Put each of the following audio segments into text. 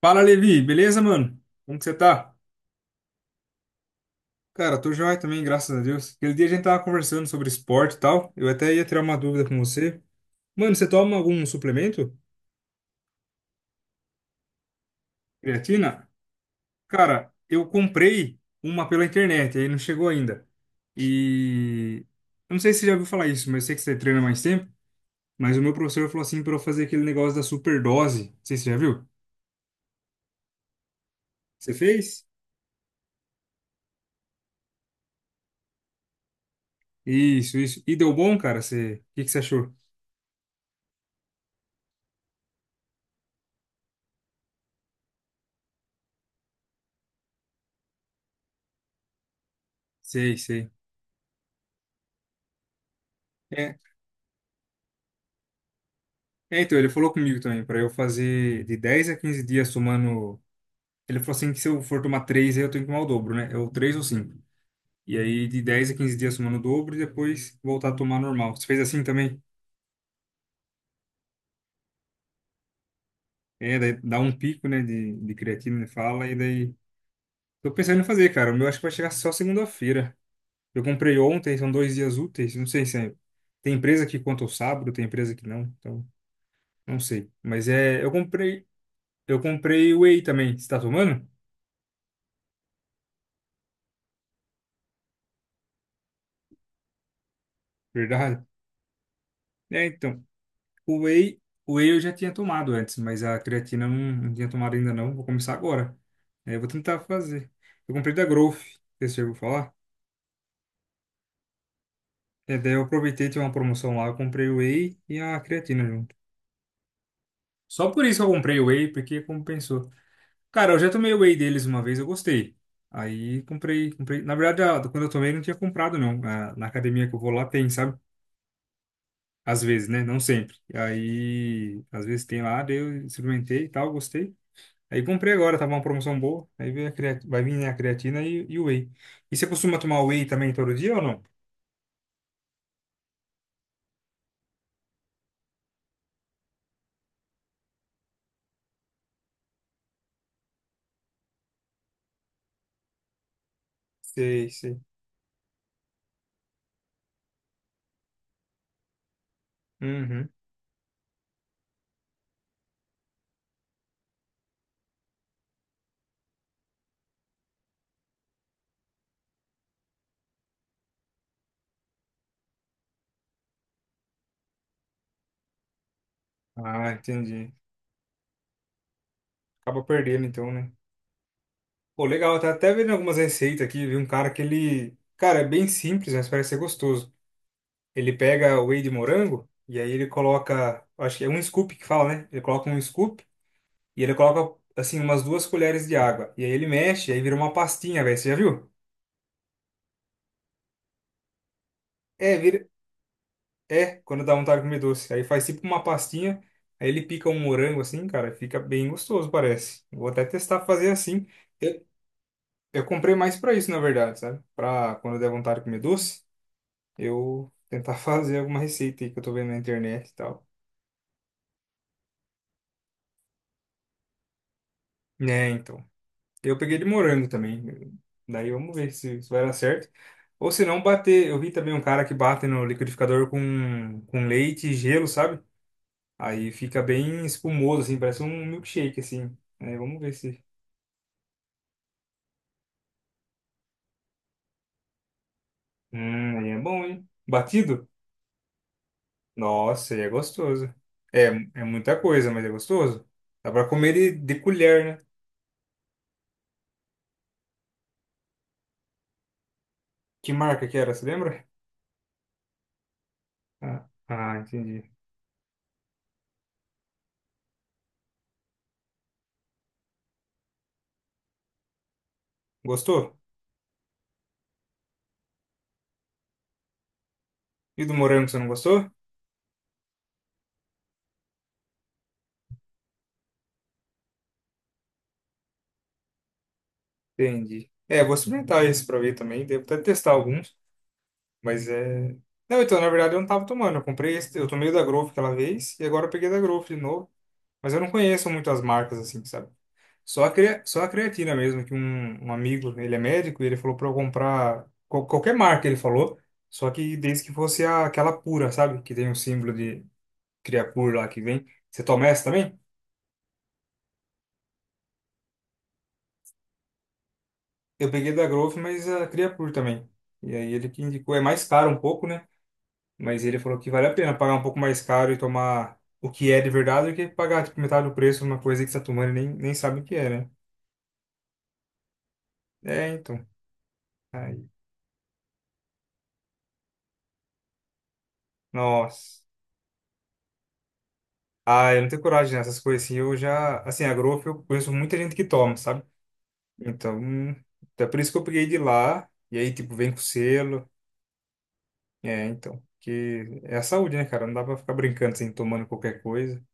Fala, Levi, beleza, mano? Como que você tá? Cara, tô joia também, graças a Deus. Aquele dia a gente tava conversando sobre esporte e tal. Eu até ia tirar uma dúvida com você. Mano, você toma algum suplemento? Creatina? Cara, eu comprei uma pela internet, aí não chegou ainda. E eu não sei se você já ouviu falar isso, mas eu sei que você treina mais tempo. Mas o meu professor falou assim pra eu fazer aquele negócio da superdose. Não sei se você já viu. Você fez? Isso, isso. E deu bom, cara? O que que você achou? Sei, sei. É, então, ele falou comigo também, para eu fazer de 10 a 15 dias tomando. Ele falou assim que se eu for tomar 3 aí eu tenho que tomar o dobro, né? É o 3 ou 5. E aí, de 10 a 15 dias tomando o dobro e depois voltar a tomar normal. Você fez assim também? É, daí dá um pico, né, de creatina, ele fala, e daí. Tô pensando em fazer, cara. O meu acho que vai chegar só segunda-feira. Eu comprei ontem, são 2 dias úteis. Não sei se é. Tem empresa que conta o sábado, tem empresa que não. Então, não sei. Mas é. Eu comprei. Eu comprei whey também. Você tá tomando? Verdade. É, então. O whey, o whey eu já tinha tomado antes, mas a creatina eu não tinha tomado ainda não. Vou começar agora. É, eu vou tentar fazer. Eu comprei da Growth, que você ouviu falar? É, daí eu aproveitei, tinha uma promoção lá, eu comprei o whey e a creatina junto. Só por isso que eu comprei o whey, porque compensou. Cara, eu já tomei o whey deles uma vez, eu gostei. Aí comprei. Na verdade, quando eu tomei, não tinha comprado não. Na academia que eu vou lá tem, sabe? Às vezes, né? Não sempre. E aí, às vezes tem lá, daí eu experimentei e tal, gostei. Aí comprei agora, tava uma promoção boa. Aí veio vai vir, né, a creatina e o whey. E você costuma tomar whey também todo dia ou não? Sei, sei. Uhum. Ah, entendi. Acaba perdendo então, né? Pô, legal, tá até vendo algumas receitas aqui. Vi um cara que ele. Cara, é bem simples, mas parece ser gostoso. Ele pega o whey de morango e aí ele coloca. Acho que é um scoop que fala, né? Ele coloca um scoop e ele coloca, assim, umas duas colheres de água. E aí ele mexe, aí vira uma pastinha, velho. Você já viu? É, vira, É, quando dá vontade de comer doce. Aí faz tipo uma pastinha, aí ele pica um morango assim, cara, fica bem gostoso, parece. Vou até testar fazer assim. Eu, eu comprei mais pra isso, na verdade, sabe? Pra quando der vontade de comer doce, eu tentar fazer alguma receita aí que eu tô vendo na internet e tal. É, então. Eu peguei de morango também. Daí vamos ver se vai dar certo. Ou se não, bater. Eu vi também um cara que bate no liquidificador com leite e gelo, sabe? Aí fica bem espumoso, assim, parece um milkshake, assim. Aí vamos ver se. Aí é bom, hein? Batido? Nossa, aí é gostoso. É, é, muita coisa, mas é gostoso. Dá pra comer de colher, né? Que marca que era, você lembra? Ah, entendi. Gostou? E do morango você não gostou? Entendi. É, vou experimentar esse pra ver também. Devo até testar alguns, mas é. Não, então, na verdade, eu não tava tomando. Eu comprei esse, eu tomei o da Growth aquela vez e agora eu peguei da Growth de novo. Mas eu não conheço muito as marcas, assim, sabe? Só a creatina mesmo, que um amigo, ele é médico, e ele falou pra eu comprar qualquer marca, ele falou, só que desde que fosse aquela pura, sabe? Que tem um símbolo de Creapure lá que vem. Você toma essa também? Eu peguei da Growth, mas a Creapure também. E aí ele que indicou, é mais caro um pouco, né? Mas ele falou que vale a pena pagar um pouco mais caro e tomar o que é de verdade do que pagar tipo, metade do preço numa coisa que você tá tomando e nem sabe o que é, né? É, então. Aí. Nossa. Ah, eu não tenho coragem nessas coisas assim. Eu já, assim, a Growth eu conheço muita gente que toma, sabe? Então, então é por isso que eu peguei de lá. E aí, tipo, vem com selo. É, então. Que é a saúde, né, cara? Não dá pra ficar brincando assim, tomando qualquer coisa.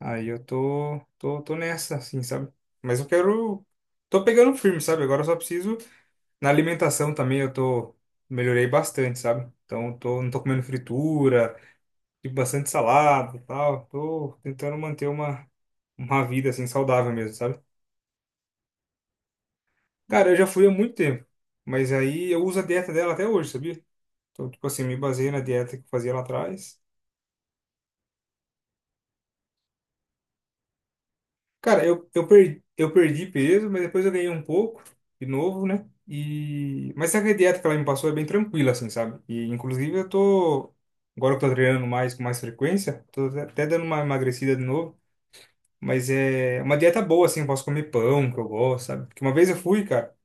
Aí eu tô nessa, assim, sabe? Mas eu quero. Tô pegando firme, sabe? Agora eu só preciso. Na alimentação também eu tô. Melhorei bastante, sabe? Então, não tô comendo fritura. Tipo bastante salada e tal. Tô tentando manter uma vida assim saudável mesmo, sabe? Cara, eu já fui há muito tempo, mas aí eu uso a dieta dela até hoje, sabia? Então, tipo assim, me baseei na dieta que eu fazia lá atrás. Cara, eu perdi peso, mas depois eu ganhei um pouco, de novo, né? Mas sabe que a dieta que ela me passou é bem tranquila, assim, sabe? E, inclusive, agora que eu tô treinando mais, com mais frequência, tô até dando uma emagrecida de novo. Mas é uma dieta boa, assim, eu posso comer pão, que eu gosto, sabe? Porque uma vez eu fui, cara,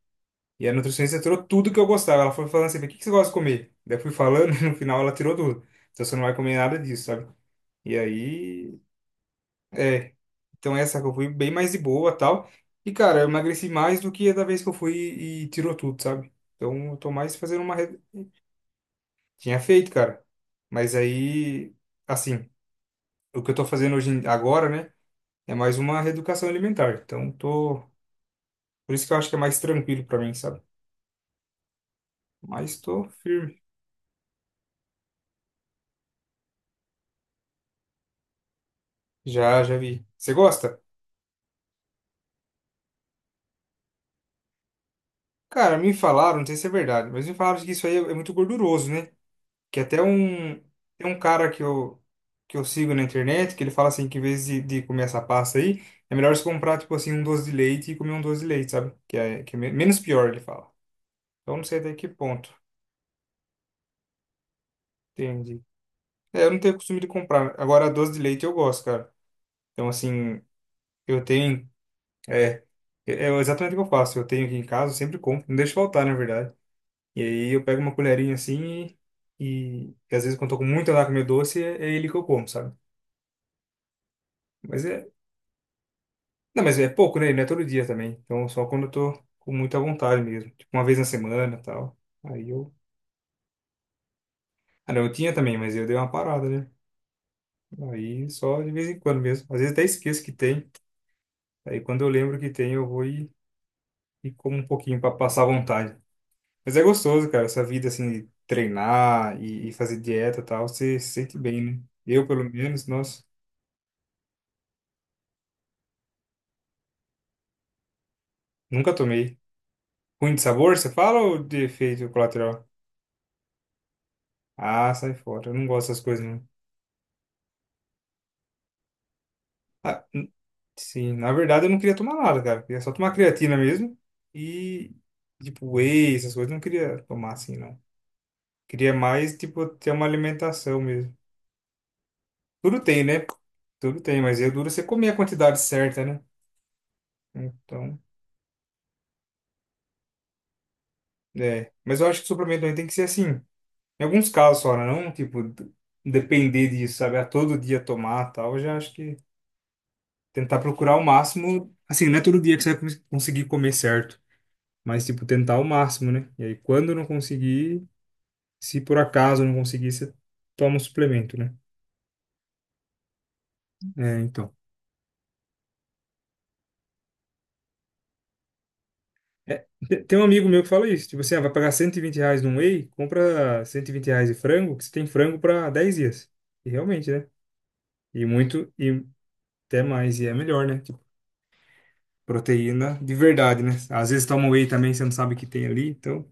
e a nutricionista tirou tudo que eu gostava. Ela foi falando assim, o que que você gosta de comer? Daí eu fui falando e no final ela tirou tudo. Então você não vai comer nada disso, sabe? E aí, é. Então essa que eu fui bem mais de boa, tal. E, cara, eu emagreci mais do que a da vez que eu fui e tirou tudo, sabe? Então eu tô mais fazendo Tinha feito, cara. Mas aí, assim, o que eu tô fazendo hoje, agora, né? É mais uma reeducação alimentar. Por isso que eu acho que é mais tranquilo pra mim, sabe? Mas tô firme. Já, já vi. Você gosta? Cara, me falaram, não sei se é verdade, mas me falaram que isso aí é muito gorduroso, né? Que até um, tem um cara que eu sigo na internet, que ele fala assim que em vez de comer essa pasta aí, é melhor você comprar, tipo assim, um doce de leite e comer um doce de leite, sabe? Que é menos pior, ele fala. Então não sei até que ponto. Entendi. É, eu não tenho costume de comprar. Agora, doce de leite eu gosto, cara. Então, assim, eu tenho É, é exatamente o que eu faço. Eu tenho aqui em casa, eu sempre compro, não deixo faltar, na verdade. E aí eu pego uma colherinha assim e às vezes quando eu tô com muita lá com meu doce, é ele que eu como, sabe? Mas é, não, mas é pouco, né? Não é todo dia também. Então só quando eu tô com muita vontade mesmo, tipo uma vez na semana, e tal. Aí eu, ah, não, eu tinha também, mas eu dei uma parada, né? Aí só de vez em quando mesmo. Às vezes até esqueço que tem. Aí quando eu lembro que tem, eu vou e, como um pouquinho para passar a vontade. Mas é gostoso, cara, essa vida assim de treinar e fazer dieta e tal, você se sente bem, né? Eu, pelo menos, nossa, nunca tomei. Ruim de sabor, você fala ou de efeito colateral? Ah, sai fora, eu não gosto dessas coisas, não. Ah, n- sim, na verdade eu não queria tomar nada, cara, eu queria só tomar creatina mesmo e, tipo, whey, essas coisas, eu não queria tomar assim, não. Queria mais, tipo, ter uma alimentação mesmo. Tudo tem, né? Tudo tem, mas é duro é você comer a quantidade certa, né? Então. É, mas eu acho que o suplemento também tem que ser assim. Em alguns casos só, né? Não, tipo, depender disso, sabe? A todo dia tomar tal. Eu já acho que tentar procurar o máximo. Assim, não é todo dia que você vai conseguir comer certo, mas, tipo, tentar o máximo, né? E aí, quando não conseguir, se por acaso não conseguir, você toma um suplemento, né? É, então. É, tem um amigo meu que fala isso. Tipo assim, ah, vai pagar R$ 120 num whey, compra R$ 120 de frango, que você tem frango para 10 dias. E realmente, né? E muito. E até mais. E é melhor, né? Proteína de verdade, né? Às vezes toma whey também, você não sabe o que tem ali, então.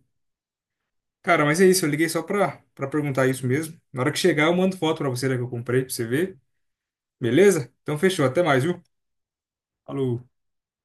Cara, mas é isso, eu liguei só pra perguntar isso mesmo. Na hora que chegar, eu mando foto pra você, né, que eu comprei, pra você ver. Beleza? Então fechou, até mais, viu? Falou.